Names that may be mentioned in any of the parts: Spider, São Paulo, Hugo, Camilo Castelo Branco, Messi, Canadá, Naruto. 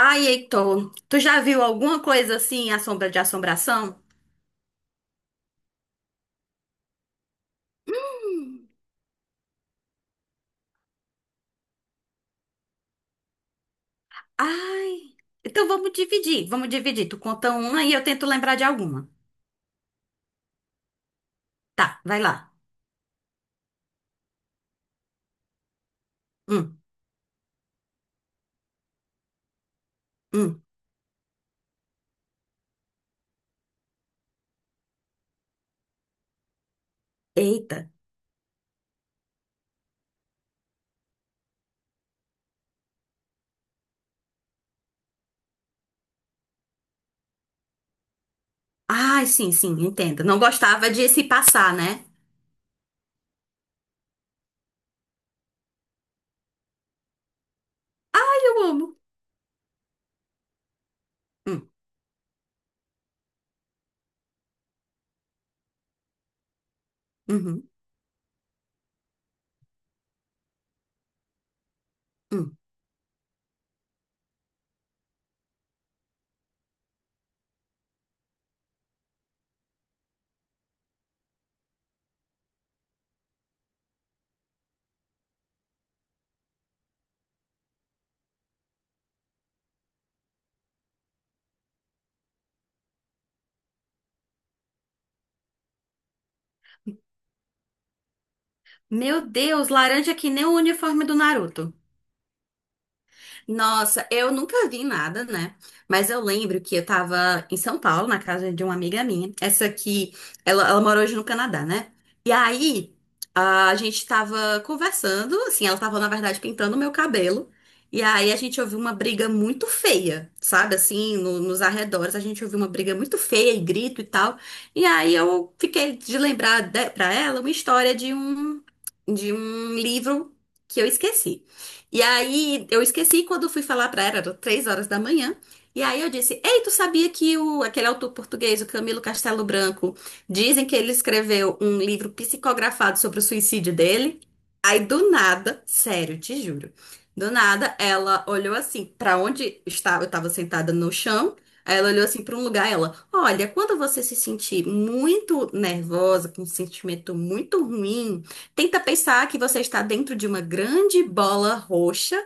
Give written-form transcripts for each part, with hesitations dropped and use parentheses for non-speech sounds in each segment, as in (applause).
Ai, Heitor, tu já viu alguma coisa assim, a sombra de assombração? Hum. Ai, então vamos dividir, vamos dividir. Tu conta uma e eu tento lembrar de alguma. Tá, vai lá. Hum, hum, eita. Ai, sim, sim, entendo. Não gostava de se passar, né? Ai, eu amo. Hum, uhum, hum. Meu Deus, laranja que nem o uniforme do Naruto. Nossa, eu nunca vi nada, né? Mas eu lembro que eu tava em São Paulo, na casa de uma amiga minha. Essa aqui, ela mora hoje no Canadá, né? E aí, a gente tava conversando, assim, ela tava, na verdade, pintando o meu cabelo. E aí a gente ouviu uma briga muito feia, sabe? Assim, nos arredores, a gente ouviu uma briga muito feia e grito e tal. E aí eu fiquei de lembrar de, pra ela uma história de um livro que eu esqueci. E aí eu esqueci quando fui falar pra ela, era 3 horas da manhã. E aí eu disse: "Ei, tu sabia que o, aquele autor português, o Camilo Castelo Branco, dizem que ele escreveu um livro psicografado sobre o suicídio dele?" Aí do nada, sério, te juro, do nada ela olhou assim pra onde estava, eu estava sentada no chão. Aí ela olhou assim pra um lugar, ela, olha, quando você se sentir muito nervosa, com um sentimento muito ruim, tenta pensar que você está dentro de uma grande bola roxa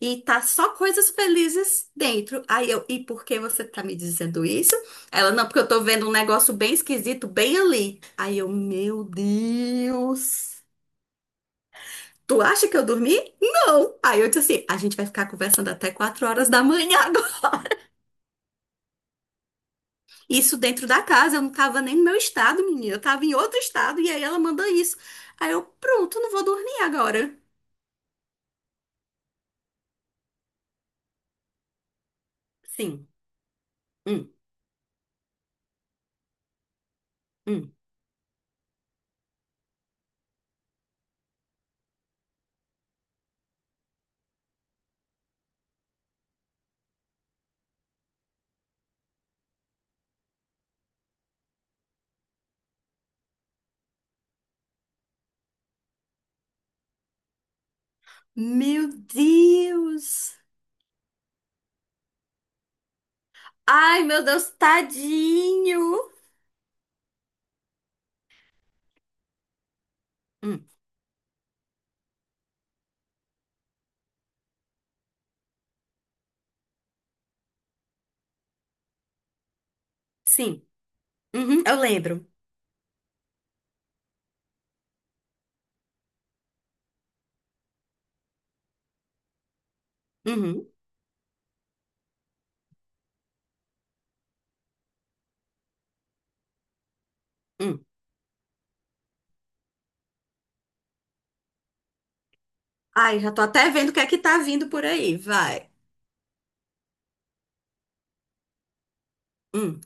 e tá só coisas felizes dentro. Aí eu, e por que você tá me dizendo isso? Ela, não, porque eu tô vendo um negócio bem esquisito bem ali. Aí eu, meu Deus. Tu acha que eu dormi? Não. Aí eu disse assim, a gente vai ficar conversando até 4 horas da manhã (laughs) agora. Isso dentro da casa, eu não tava nem no meu estado, menina. Eu tava em outro estado e aí ela manda isso. Aí eu, pronto, não vou dormir agora. Sim. Hum. Hum. Meu Deus! Ai, meu Deus, tadinho! Hum, sim, uhum, eu lembro. Uhum, hum. Ai, já tô até vendo o que é que tá vindo por aí, vai. Hum.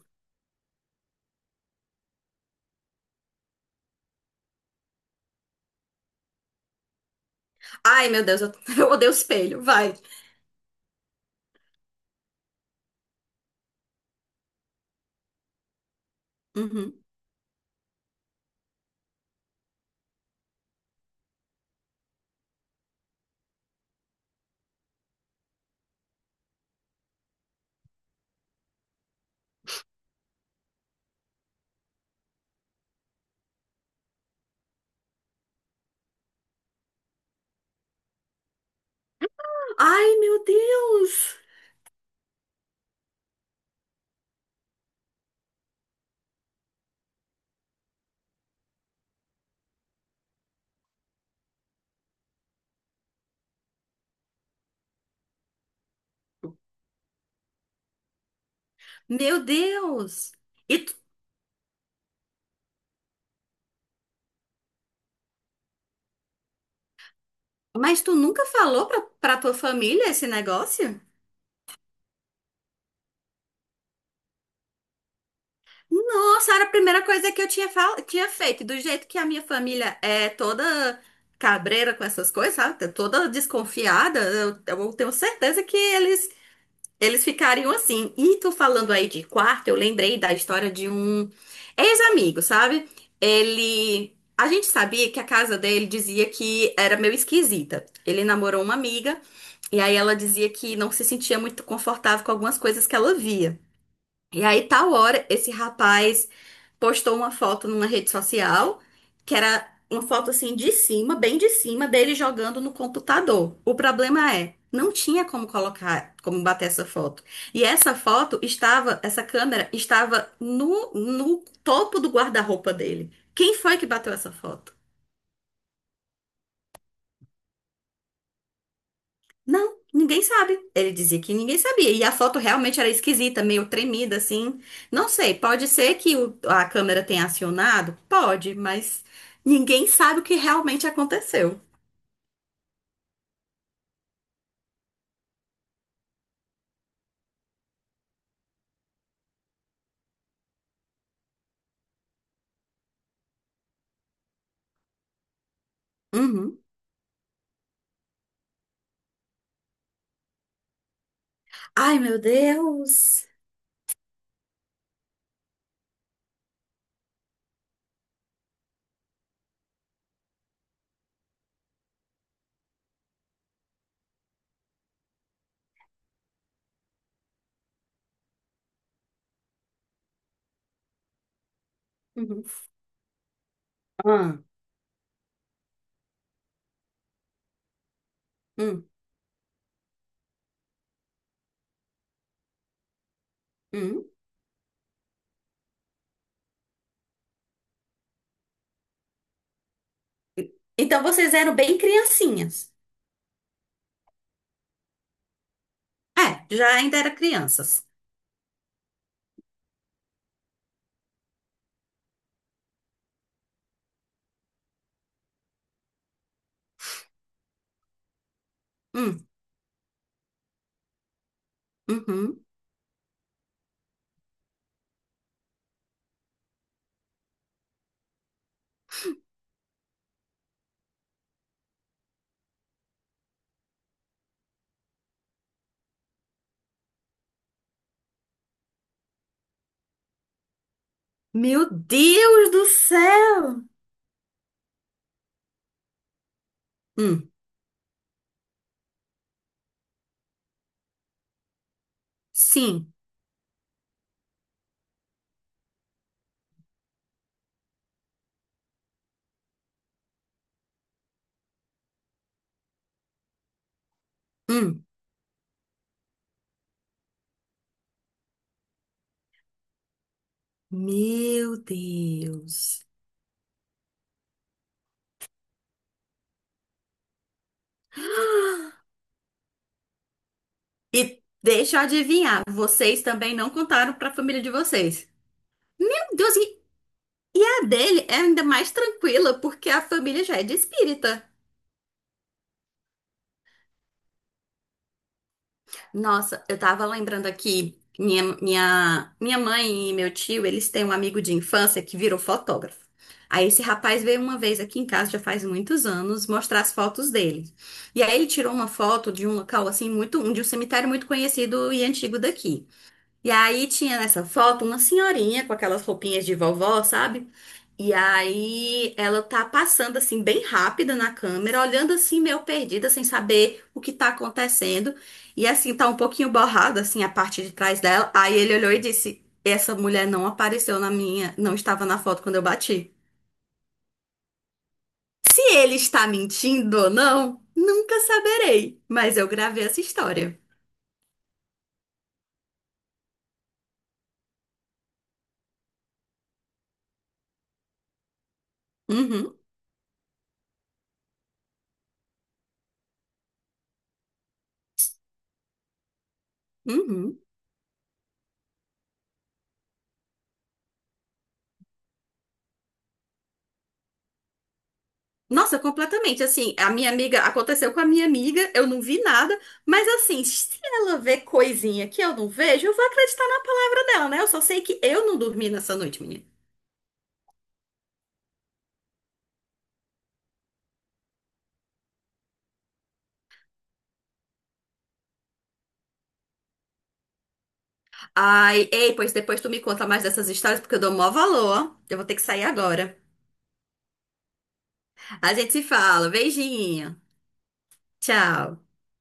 Ai, meu Deus, (laughs) eu odeio espelho, vai. Uhum. Ai, meu Deus! Meu Deus! E tu- mas tu nunca falou pra tua família esse negócio? Nossa, era a primeira coisa que eu tinha, tinha feito. Do jeito que a minha família é toda cabreira com essas coisas, sabe? Tá toda desconfiada, eu tenho certeza que eles ficariam assim. E tu falando aí de quarto, eu lembrei da história de um ex-amigo, sabe? Ele. A gente sabia que a casa dele dizia que era meio esquisita. Ele namorou uma amiga, e aí ela dizia que não se sentia muito confortável com algumas coisas que ela via. E aí, tal hora, esse rapaz postou uma foto numa rede social, que era uma foto assim de cima, bem de cima, dele jogando no computador. O problema é, não tinha como colocar, como bater essa foto. E essa foto estava, essa câmera estava no topo do guarda-roupa dele. Quem foi que bateu essa foto? Não, ninguém sabe. Ele dizia que ninguém sabia. E a foto realmente era esquisita, meio tremida, assim. Não sei, pode ser que a câmera tenha acionado? Pode, mas ninguém sabe o que realmente aconteceu. Uhum. Ai, meu Deus. Uhum. Ah, hum, hum. Então vocês eram bem criancinhas. É, já ainda era crianças. Hum, uhum. Meu Deus do céu! Hum, sim. Hum. Meu Deus. E deixa eu adivinhar, vocês também não contaram pra família de vocês. Meu Deus, e a dele é ainda mais tranquila, porque a família já é de espírita. Nossa, eu tava lembrando aqui, minha mãe e meu tio, eles têm um amigo de infância que virou fotógrafo. Aí esse rapaz veio uma vez aqui em casa, já faz muitos anos, mostrar as fotos dele. E aí ele tirou uma foto de um local assim muito, um, de um cemitério muito conhecido e antigo daqui. E aí tinha nessa foto uma senhorinha com aquelas roupinhas de vovó, sabe? E aí ela tá passando assim bem rápida na câmera, olhando assim meio perdida, sem saber o que tá acontecendo. E assim tá um pouquinho borrada assim a parte de trás dela. Aí ele olhou e disse: "Essa mulher não apareceu na minha, não estava na foto quando eu bati". Se ele está mentindo ou não, nunca saberei, mas eu gravei essa história. Uhum, uhum. Nossa, completamente. Assim, a minha amiga, aconteceu com a minha amiga, eu não vi nada, mas assim, se ela vê coisinha que eu não vejo, eu vou acreditar na palavra dela, né? Eu só sei que eu não dormi nessa noite, menina. Ai, ei, pois depois tu me conta mais dessas histórias, porque eu dou maior valor. Ó. Eu vou ter que sair agora. A gente se fala. Beijinho. Tchau.